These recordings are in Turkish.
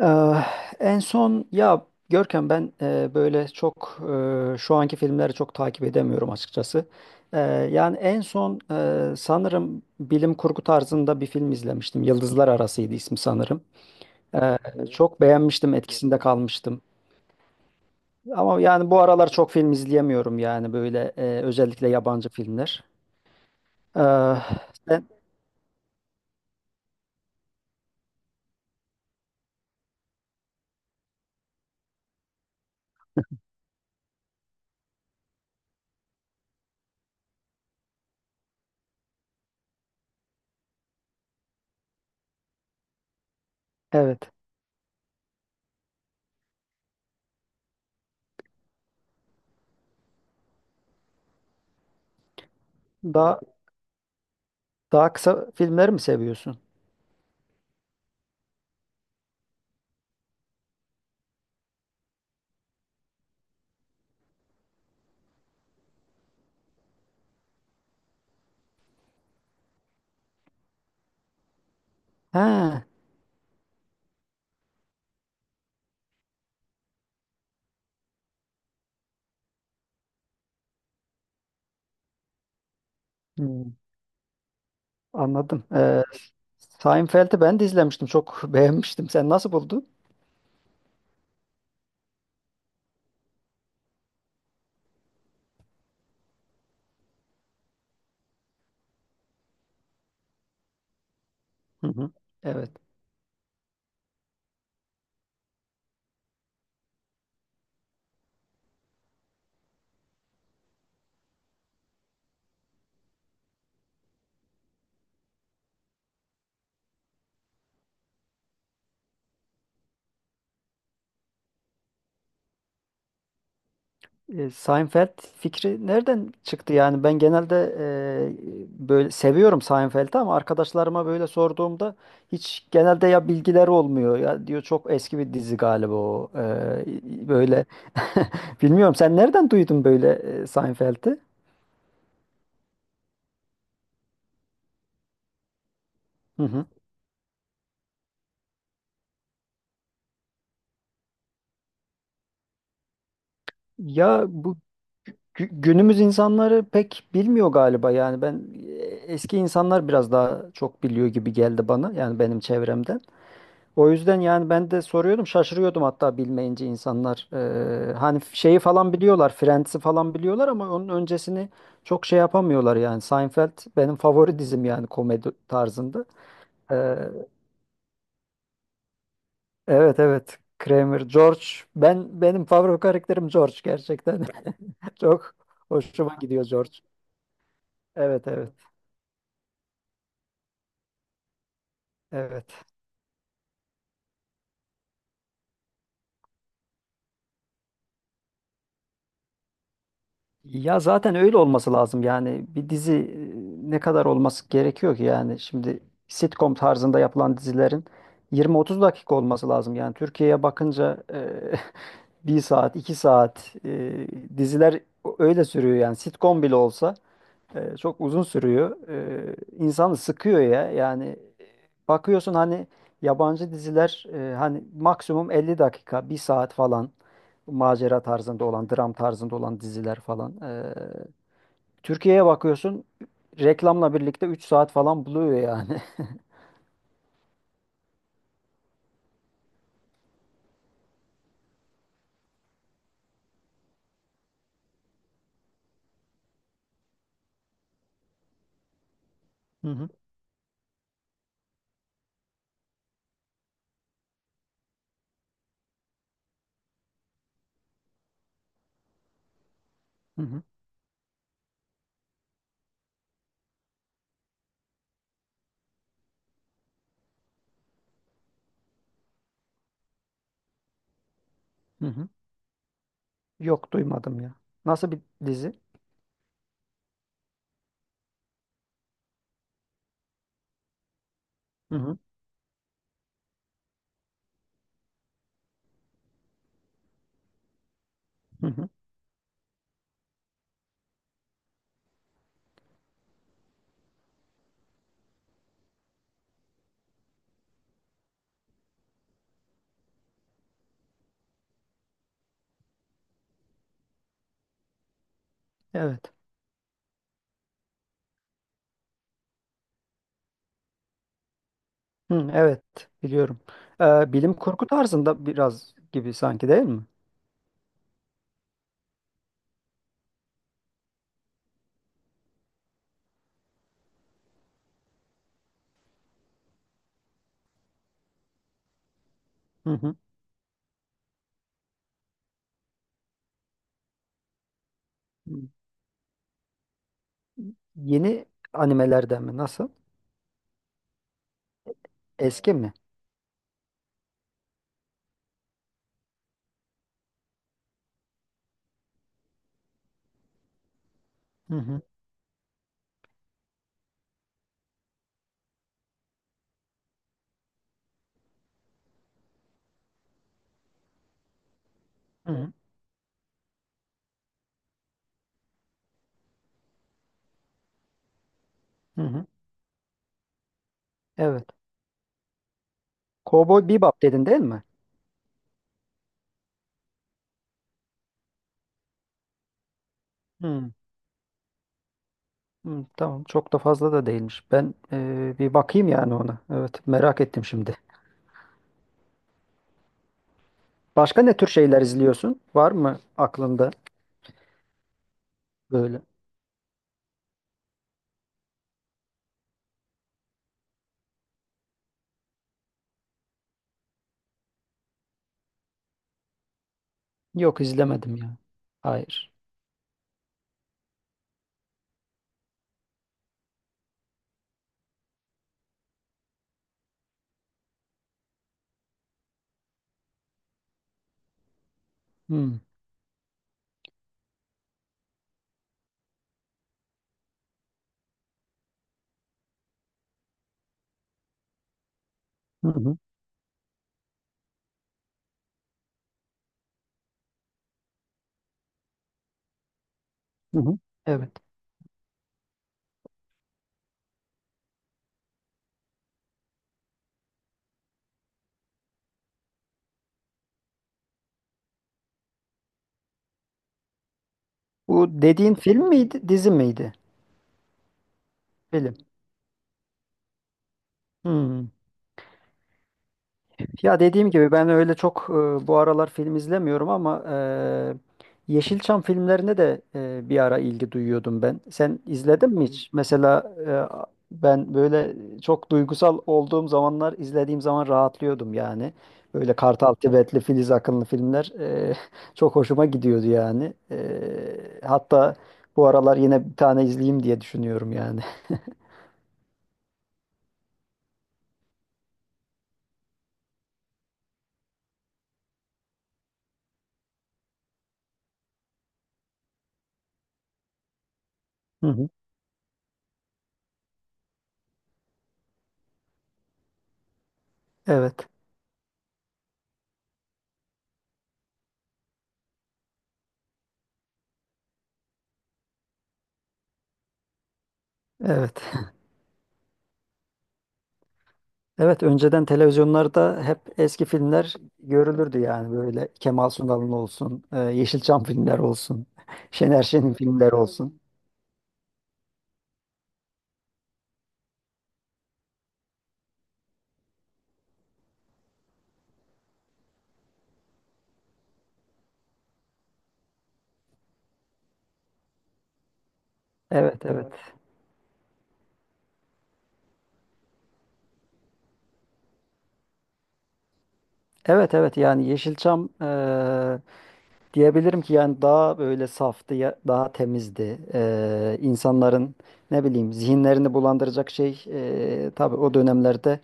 Eee, en son ya Görkem ben böyle çok şu anki filmleri çok takip edemiyorum açıkçası. Eee, yani en son sanırım bilim kurgu tarzında bir film izlemiştim. Yıldızlar Arası'ydı ismi sanırım. Eee, çok beğenmiştim, etkisinde kalmıştım. Ama yani bu aralar çok film izleyemiyorum yani böyle özellikle yabancı filmler. Eee, sen, evet. Daha daha kısa filmleri mi seviyorsun? He. Hmm, anladım. Seinfeld'i ben de izlemiştim. Çok beğenmiştim. Sen nasıl buldun? Hı hı. Evet. Seinfeld fikri nereden çıktı yani? Ben genelde böyle seviyorum Seinfeld'i ama arkadaşlarıma böyle sorduğumda hiç genelde ya bilgileri olmuyor ya diyor çok eski bir dizi galiba o. Böyle bilmiyorum sen nereden duydun böyle Seinfeld'i? Hı hı. Ya günümüz insanları pek bilmiyor galiba yani ben e, eski insanlar biraz daha çok biliyor gibi geldi bana yani benim çevremden. O yüzden yani ben de soruyordum şaşırıyordum hatta bilmeyince insanlar. Hani şeyi falan biliyorlar, Friends'i falan biliyorlar ama onun öncesini çok şey yapamıyorlar yani Seinfeld benim favori dizim yani komedi tarzında. Ee, Evet evet. Kramer, George. Benim favori karakterim George gerçekten. Çok hoşuma gidiyor George. Evet evet. Evet. Ya zaten öyle olması lazım yani bir dizi ne kadar olması gerekiyor ki yani şimdi sitcom tarzında yapılan dizilerin 20-30 dakika olması lazım yani Türkiye'ye bakınca bir saat, iki saat diziler öyle sürüyor yani sitcom bile olsa. Çok uzun sürüyor. İnsanı sıkıyor ya. Yani bakıyorsun hani yabancı diziler, hani maksimum 50 dakika, bir saat falan, macera tarzında olan, dram tarzında olan diziler falan. Türkiye'ye bakıyorsun reklamla birlikte 3 saat falan buluyor yani. Hı hı, hı hı, hı hı. Yok duymadım ya. Nasıl bir dizi? Hı hı, hı hı. Evet. Hı, evet, biliyorum. Bilim kurgu tarzında biraz gibi sanki değil mi? Hı hı. Yeni animelerden mi? Nasıl? Eski mi? Hı hı. Hı hı. Hı hı. Evet. Cowboy Bebop dedin değil mi? Hı. Hı, tamam. Çok da fazla da değilmiş. Ben bir bakayım yani ona. Evet. Merak ettim şimdi. Başka ne tür şeyler izliyorsun? Var mı aklında böyle? Yok izlemedim ya. Hayır. Hı. Hı hı. Hı hı. Evet. Bu dediğin film miydi, dizi miydi? Film. Hı. Ya dediğim gibi ben öyle çok bu aralar film izlemiyorum ama Yeşilçam filmlerine de bir ara ilgi duyuyordum ben. Sen izledin mi? Hmm, hiç? Mesela ben böyle çok duygusal olduğum zamanlar izlediğim zaman rahatlıyordum yani. Böyle Kartal Tibetli, Filiz Akınlı filmler çok hoşuma gidiyordu yani. Hatta bu aralar yine bir tane izleyeyim diye düşünüyorum yani. Hı hı. Evet, evet. Evet, önceden televizyonlarda hep eski filmler görülürdü yani böyle Kemal Sunal'ın olsun, Yeşilçam filmler olsun, Şener Şen'in filmleri olsun. Evet, evet. Evet, evet yani Yeşilçam, diyebilirim ki yani daha böyle saftı, daha temizdi. İnsanların ne bileyim zihinlerini bulandıracak şey tabii o dönemlerde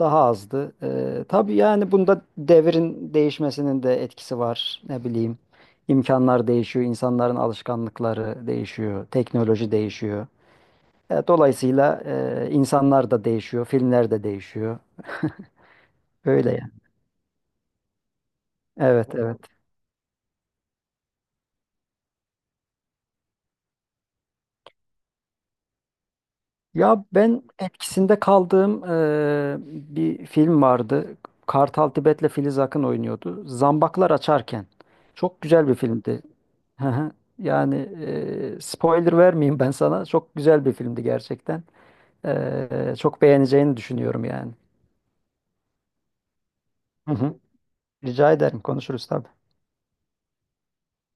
daha azdı. Tabii yani bunda devrin değişmesinin de etkisi var. Ne bileyim, imkanlar değişiyor, insanların alışkanlıkları değişiyor, teknoloji değişiyor. Dolayısıyla insanlar da değişiyor, filmler de değişiyor. Öyle yani. Evet, evet. Ya ben etkisinde kaldığım bir film vardı. Kartal Tibet'le Filiz Akın oynuyordu. Zambaklar Açarken. Çok güzel bir filmdi. Hı hı. Yani spoiler vermeyeyim ben sana. Çok güzel bir filmdi gerçekten. Çok beğeneceğini düşünüyorum yani. Hı hı. Rica ederim. Konuşuruz tabii.